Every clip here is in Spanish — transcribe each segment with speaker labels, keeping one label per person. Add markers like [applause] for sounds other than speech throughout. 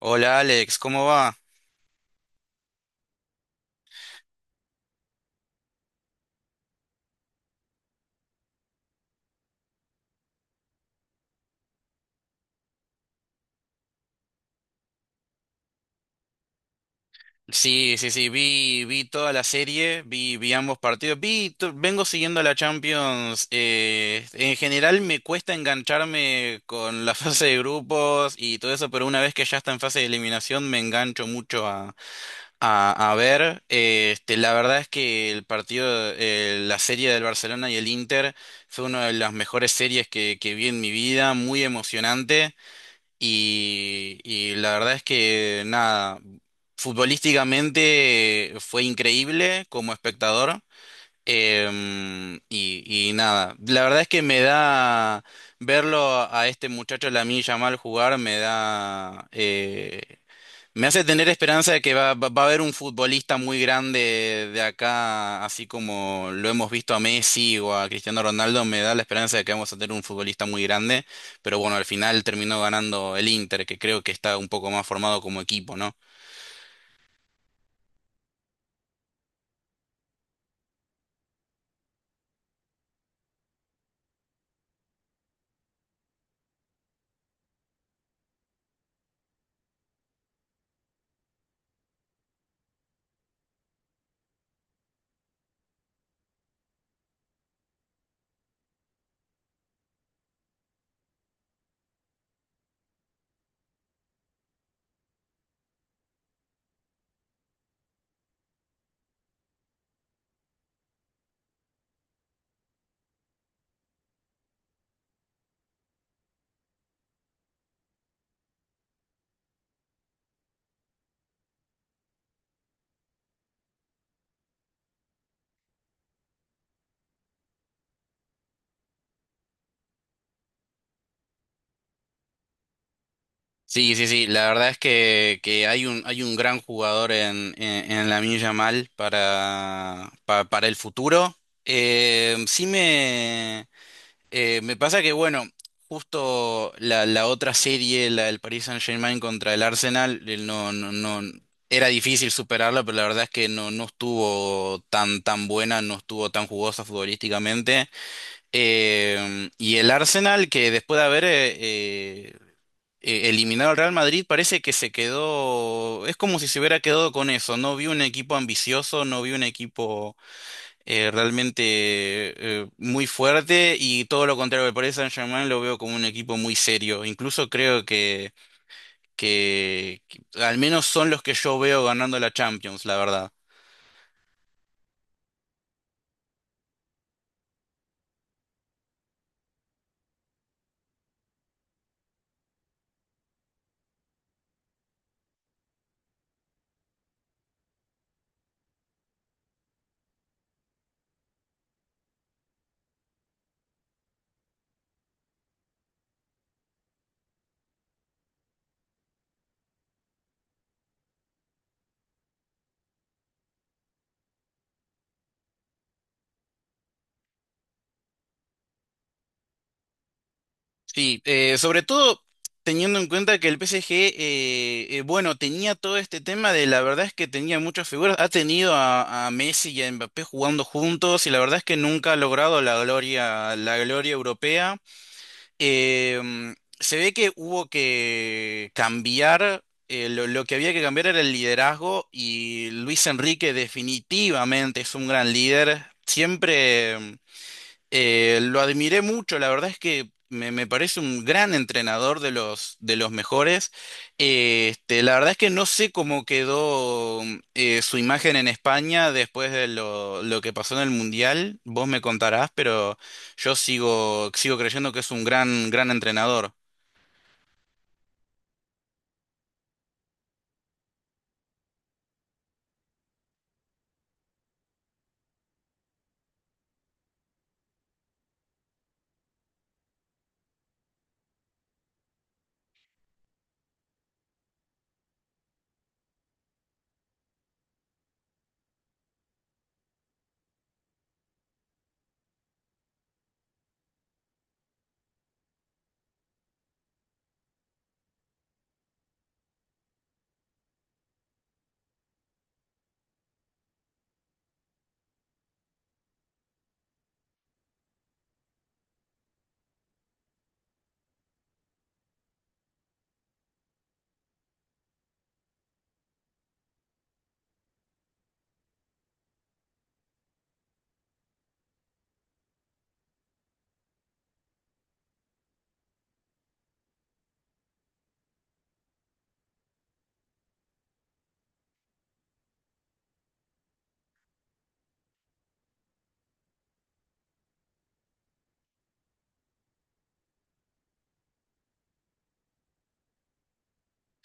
Speaker 1: Hola Alex, ¿cómo va? Sí, sí, sí, vi, vi toda la serie, vi ambos partidos, vengo siguiendo la Champions. En general me cuesta engancharme con la [laughs] fase de grupos y todo eso, pero una vez que ya está en fase de eliminación me engancho mucho a ver. La verdad es que la serie del Barcelona y el Inter fue una de las mejores series que vi en mi vida, muy emocionante. Y la verdad es que nada, futbolísticamente fue increíble como espectador. Y nada, la verdad es que me da verlo a este muchacho Lamine Yamal jugar, me hace tener esperanza de que va a haber un futbolista muy grande de acá, así como lo hemos visto a Messi o a Cristiano Ronaldo, me da la esperanza de que vamos a tener un futbolista muy grande, pero bueno, al final terminó ganando el Inter, que creo que está un poco más formado como equipo, ¿no? Sí, sí, sí, la verdad es que hay un gran jugador en Lamine Yamal para el futuro. Eh, sí me... Me pasa que, bueno, justo la otra serie, la del Paris Saint-Germain contra el Arsenal, no, era difícil superarla, pero la verdad es que no, no estuvo tan buena, no estuvo tan jugosa futbolísticamente. Y el Arsenal, que después de haber eh, eliminado al Real Madrid, parece que se quedó, es como si se hubiera quedado con eso, no vi un equipo ambicioso, no vi un equipo realmente muy fuerte y todo lo contrario me parece Saint-Germain, lo veo como un equipo muy serio. Incluso creo que al menos son los que yo veo ganando la Champions, la verdad. Sí, sobre todo teniendo en cuenta que el PSG, bueno, tenía todo este tema, de la verdad es que tenía muchas figuras, ha tenido a Messi y a Mbappé jugando juntos y la verdad es que nunca ha logrado la gloria europea. Em, se ve que hubo que cambiar, lo que había que cambiar era el liderazgo y Luis Enrique definitivamente es un gran líder. Siempre... lo admiré mucho, la verdad es que me parece un gran entrenador de de los mejores. La verdad es que no sé cómo quedó su imagen en España después de lo que pasó en el Mundial, vos me contarás, pero yo sigo, sigo creyendo que es un gran, gran entrenador.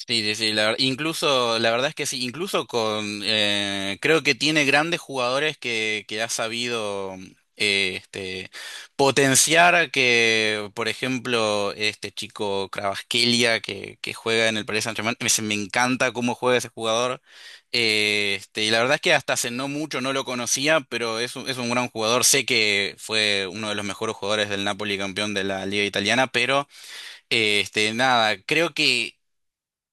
Speaker 1: Sí, sí, sí, incluso, la verdad es que sí, incluso con, creo que tiene grandes jugadores que ha sabido eh, este, potenciar que, por ejemplo, este chico Kvaratskhelia que juega en el Paris Saint-Germain, me encanta cómo juega ese jugador, y la verdad es que hasta hace no mucho no lo conocía, pero es un gran jugador, sé que fue uno de los mejores jugadores del Napoli campeón de la Liga Italiana, pero... Este, nada, creo que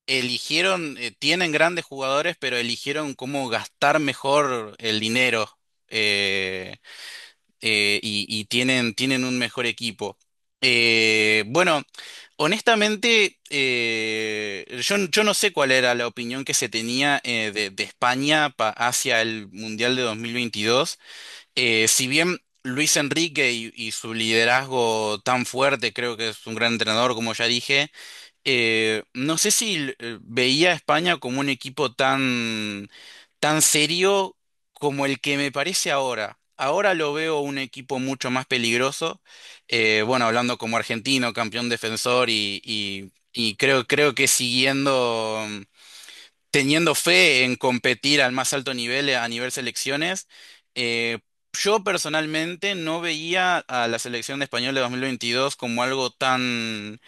Speaker 1: eligieron, tienen grandes jugadores, pero eligieron cómo gastar mejor el dinero eh, y tienen un mejor equipo. Bueno, honestamente, yo no sé cuál era la opinión que se tenía de España hacia el Mundial de 2022. Si bien Luis Enrique y su liderazgo tan fuerte, creo que es un gran entrenador, como ya dije, no sé si veía a España como un equipo tan serio como el que me parece ahora. Ahora lo veo un equipo mucho más peligroso. Bueno, hablando como argentino, campeón defensor y creo que siguiendo. Mm, teniendo fe en competir al más alto nivel a nivel selecciones. Eh, yo personalmente no veía a la selección de español de 2022 como algo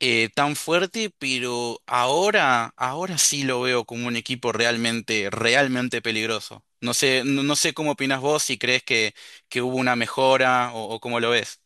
Speaker 1: tan fuerte, pero ahora sí lo veo como un equipo realmente peligroso. No sé, no sé cómo opinas vos, si crees que hubo una mejora o cómo lo ves.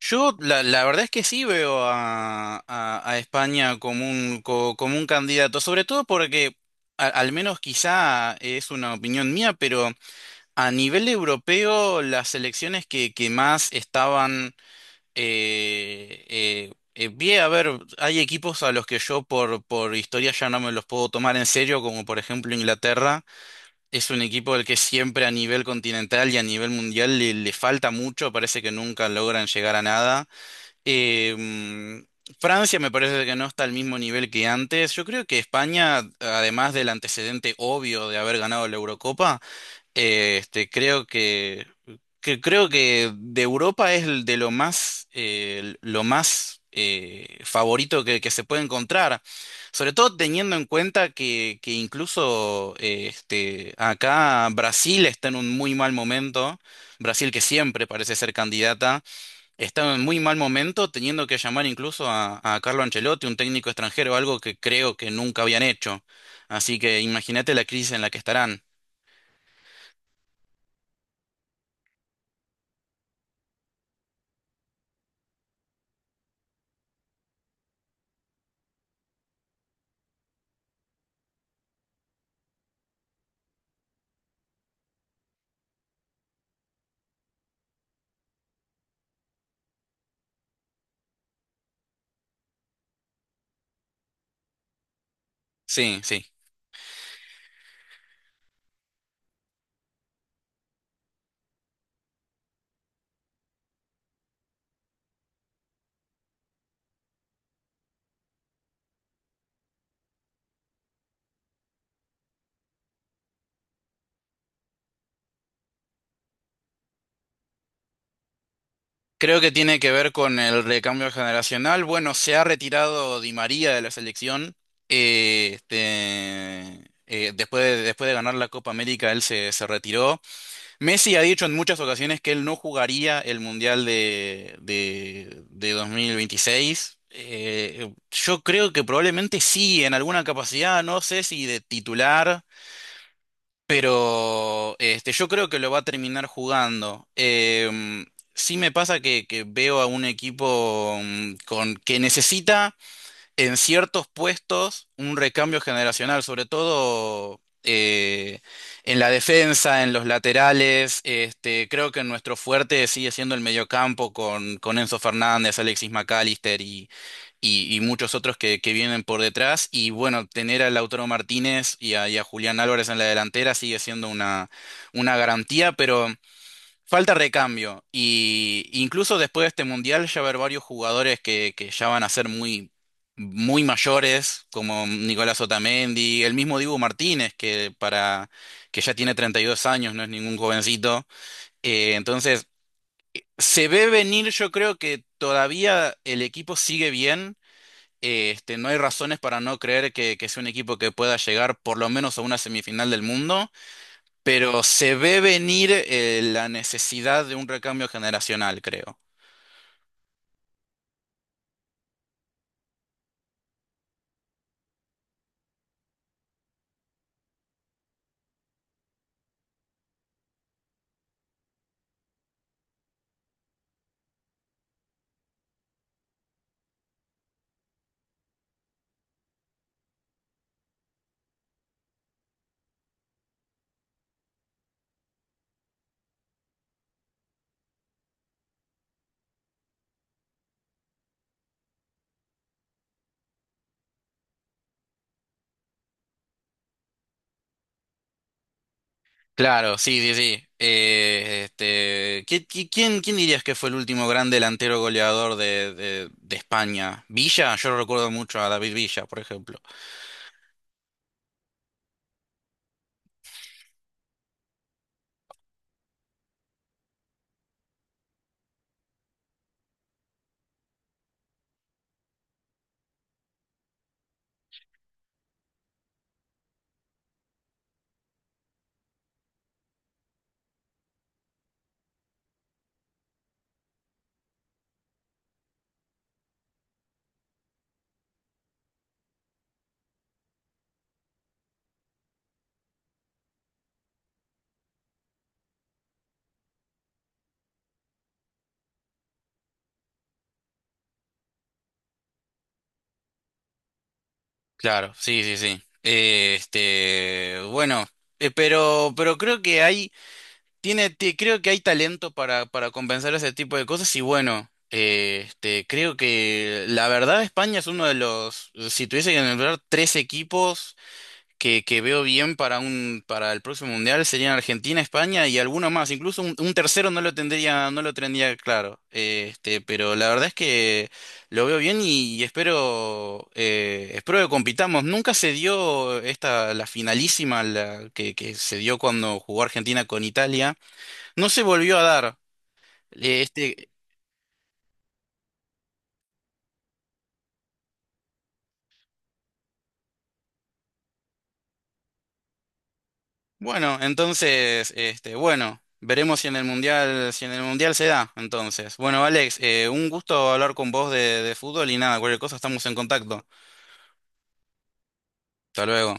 Speaker 1: Yo la verdad es que sí veo a España como como un candidato, sobre todo porque al menos quizá es una opinión mía, pero a nivel europeo las elecciones que más estaban... Bien, a ver, hay equipos a los que yo por historia ya no me los puedo tomar en serio, como por ejemplo Inglaterra. Es un equipo al que siempre a nivel continental y a nivel mundial le falta mucho, parece que nunca logran llegar a nada. Em, Francia me parece que no está al mismo nivel que antes. Yo creo que España, además del antecedente obvio de haber ganado la Eurocopa, creo que creo que de Europa es el de lo más favorito que se puede encontrar. Sobre todo teniendo en cuenta que incluso acá Brasil está en un muy mal momento. Brasil que siempre parece ser candidata. Está en muy mal momento, teniendo que llamar incluso a Carlo Ancelotti, un técnico extranjero, algo que creo que nunca habían hecho. Así que imagínate la crisis en la que estarán. Sí, sí. Creo que tiene que ver con el recambio generacional. Bueno, se ha retirado Di María de la selección. Después de ganar la Copa América, él se retiró. Messi ha dicho en muchas ocasiones que él no jugaría el Mundial de 2026. Yo creo que probablemente sí, en alguna capacidad, no sé si de titular, pero este, yo creo que lo va a terminar jugando. Em, sí me pasa que veo a un equipo mm, con, que necesita en ciertos puestos un recambio generacional, sobre todo en la defensa, en los laterales. Este, creo que nuestro fuerte sigue siendo el mediocampo con Enzo Fernández, Alexis McAllister y muchos otros que vienen por detrás. Y bueno, tener a Lautaro Martínez y a Julián Álvarez en la delantera sigue siendo una garantía, pero... Falta recambio. Y incluso después de este mundial ya va a haber varios jugadores que ya van a ser muy mayores, como Nicolás Otamendi, el mismo Dibu Martínez, que ya tiene 32 años, no es ningún jovencito. Entonces, se ve venir, yo creo que todavía el equipo sigue bien. No hay razones para no creer que sea un equipo que pueda llegar por lo menos a una semifinal del mundo, pero se ve venir la necesidad de un recambio generacional, creo. Claro, sí, sí, sí. Quién, quién dirías que fue el último gran delantero goleador de, de España? Villa, yo recuerdo mucho a David Villa, por ejemplo. Claro, sí, sí, sí. Pero creo que hay creo que hay talento para compensar ese tipo de cosas y bueno, creo que la verdad España es uno de los, si tuviese que nombrar tres equipos que veo bien para para el próximo mundial, serían Argentina, España y alguno más, incluso un tercero no lo tendría, no lo tendría claro. Pero la verdad es que lo veo bien y espero, espero que compitamos. Nunca se dio esta, la finalísima que se dio cuando jugó Argentina con Italia. No se volvió a dar. Eh, Este, bueno, entonces, este, bueno, veremos si en el mundial, si en el mundial se da, entonces. Bueno, Alex, un gusto hablar con vos de fútbol y nada, cualquier cosa estamos en contacto. Hasta luego.